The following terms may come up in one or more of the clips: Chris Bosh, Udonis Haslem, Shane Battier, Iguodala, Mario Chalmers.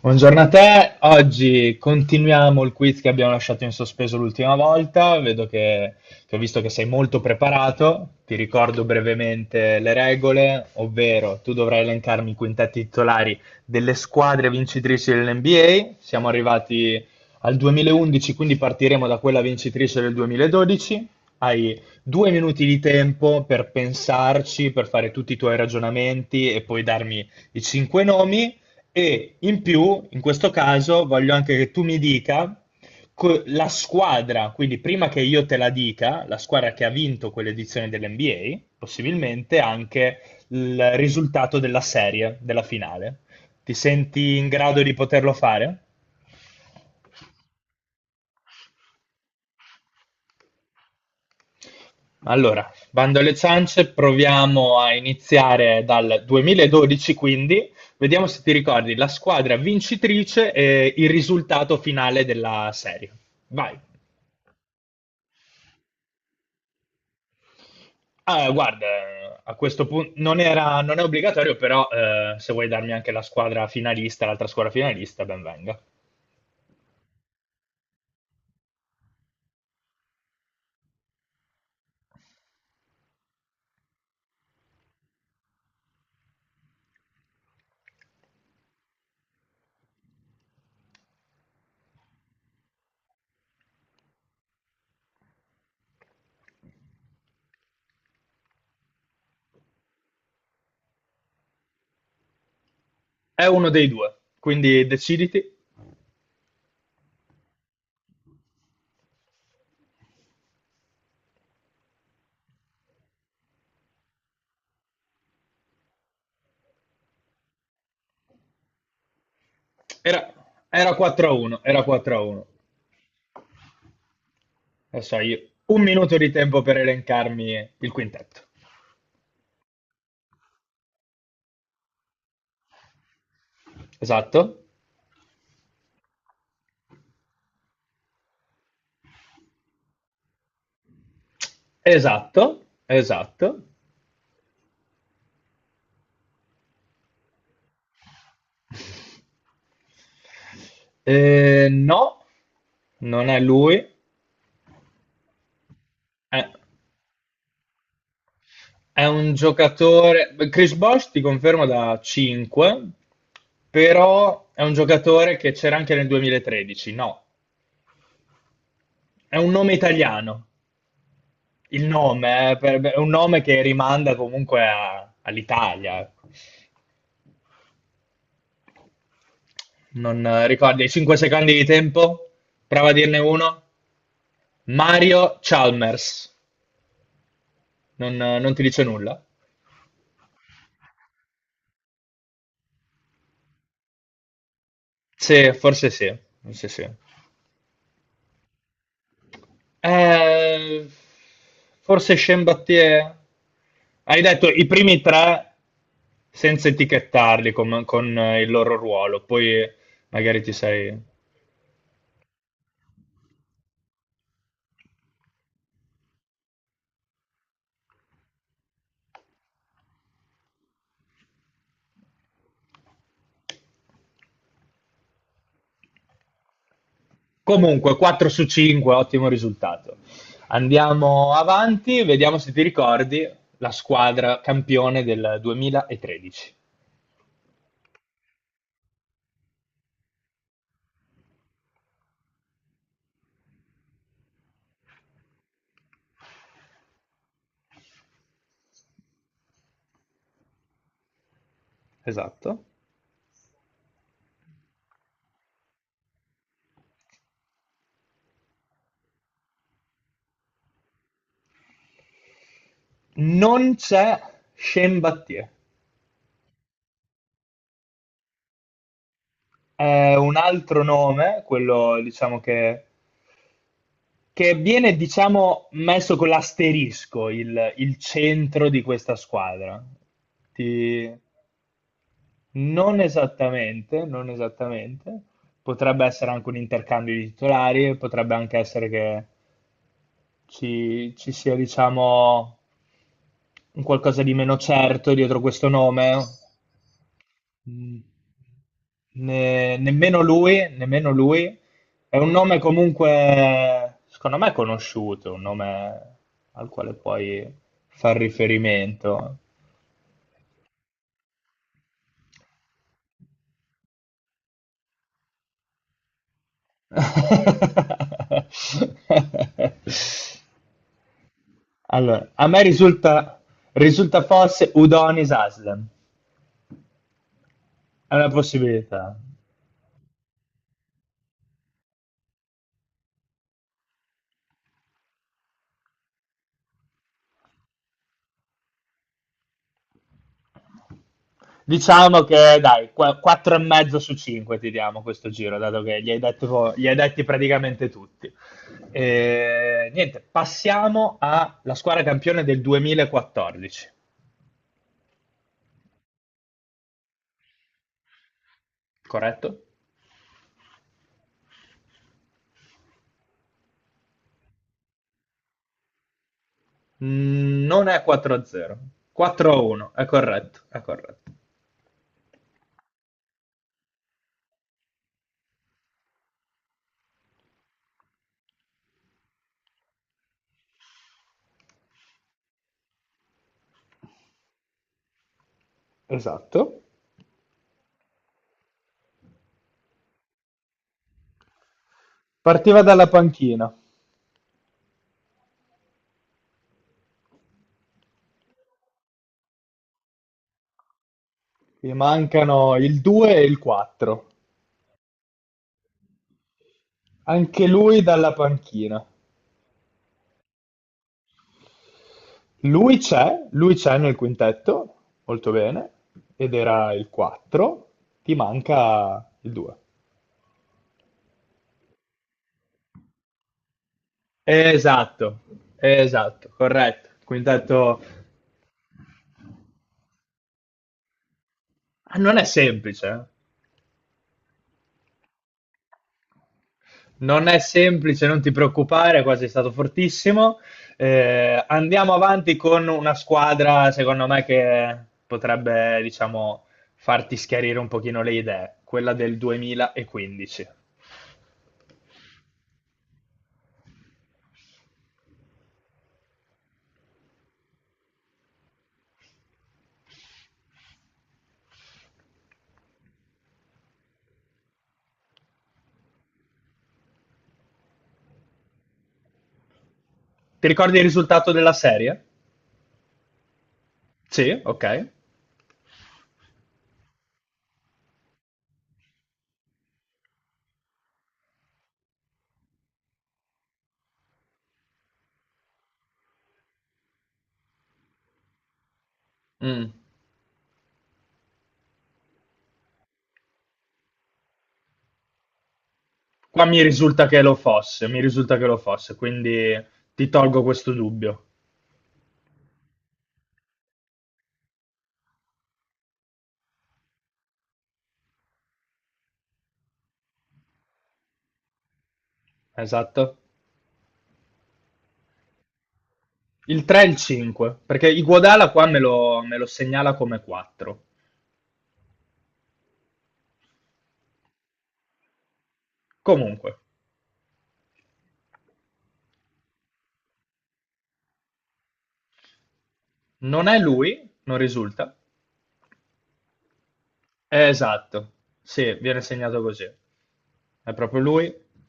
Buongiorno a te. Oggi continuiamo il quiz che abbiamo lasciato in sospeso l'ultima volta, che ho visto che sei molto preparato. Ti ricordo brevemente le regole, ovvero tu dovrai elencarmi i quintetti titolari delle squadre vincitrici dell'NBA. Siamo arrivati al 2011, quindi partiremo da quella vincitrice del 2012. Hai due minuti di tempo per pensarci, per fare tutti i tuoi ragionamenti e poi darmi i cinque nomi, e in più, in questo caso, voglio anche che tu mi dica la squadra, quindi prima che io te la dica, la squadra che ha vinto quell'edizione dell'NBA, possibilmente anche il risultato della serie, della finale. Ti senti in grado di poterlo fare? Allora, bando alle ciance, proviamo a iniziare dal 2012, quindi vediamo se ti ricordi la squadra vincitrice e il risultato finale della serie. Vai. Ah, guarda, a questo punto non è obbligatorio, però se vuoi darmi anche la squadra finalista, l'altra squadra finalista, ben venga. È uno dei due, quindi deciditi. Era, era 4-1, era 4-1. Adesso hai un minuto di tempo per elencarmi il quintetto. Esatto, esatto, esatto. No, non è lui. Eh, È un giocatore. Chris Bosh ti confermo da 5, però è un giocatore che c'era anche nel 2013. No, è un nome italiano. Il nome è un nome che rimanda comunque all'Italia. Ecco. Non ricordi? 5 secondi di tempo? Prova a dirne uno. Mario Chalmers. Non ti dice nulla? Sì, forse sì. Forse sì. Eh, Forse Chambattier. Hai detto i primi tre senza etichettarli con, il loro ruolo, poi magari ti sei. Comunque, 4 su 5, ottimo risultato. Andiamo avanti, vediamo se ti ricordi la squadra campione del 2013. Esatto. Non c'è Shane Battier. È un altro nome, quello diciamo che viene, diciamo, messo con l'asterisco il centro di questa squadra. Ti- Non esattamente, non esattamente. Potrebbe essere anche un intercambio di titolari, potrebbe anche essere che ci sia, diciamo, un qualcosa di meno certo dietro questo nome. Mm, nemmeno lui, nemmeno lui. È un nome comunque, secondo me, conosciuto, un nome al quale puoi far riferimento. Allora, a me risulta, risulta forse Udonis Haslem, è una possibilità. Diciamo che dai, 4 e mezzo su 5 ti diamo questo giro, dato che gli hai detti praticamente tutti. E, niente, passiamo alla squadra campione del 2014, corretto? Non è 4-0, 4-1, è corretto, è corretto. Esatto. Partiva dalla panchina. Gli mancano il 2 e il 4. Anche lui dalla panchina. Lui c'è nel quintetto, molto bene, ed era il 4, ti manca il 2. Esatto, esatto, corretto. Il quintetto. Ah, non è semplice, eh. Non è semplice, non ti preoccupare, quasi è stato fortissimo. Andiamo avanti con una squadra, secondo me, che potrebbe, diciamo, farti schiarire un pochino le idee, quella del 2015. Ti ricordi il risultato della serie? Sì, ok. Mm. Qua mi risulta che lo fosse, mi risulta che lo fosse, quindi ti tolgo questo dubbio. Esatto. Il 3 e il 5, perché Iguodala qua me lo segnala come 4. Comunque, non è lui, non risulta. È esatto. Sì, viene segnato così. È proprio lui?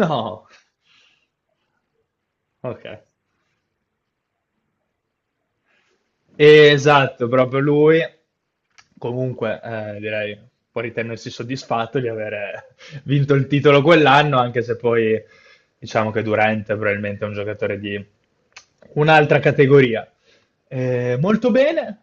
No. Ok. Esatto, proprio lui. Comunque, direi può ritenersi soddisfatto di aver vinto il titolo quell'anno, anche se poi diciamo che Durant è probabilmente un giocatore di un'altra categoria. Molto bene.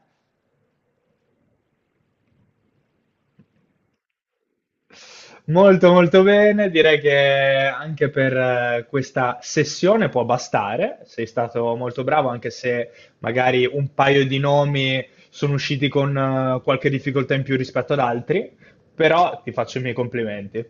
Molto molto bene, direi che anche per questa sessione può bastare, sei stato molto bravo, anche se magari un paio di nomi sono usciti con qualche difficoltà in più rispetto ad altri, però ti faccio i miei complimenti,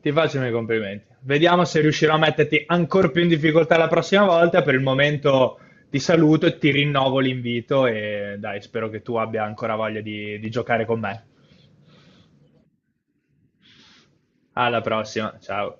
ti faccio i miei complimenti. Vediamo se riuscirò a metterti ancora più in difficoltà la prossima volta, per il momento ti saluto e ti rinnovo l'invito e dai, spero che tu abbia ancora voglia di giocare con me. Alla prossima, ciao.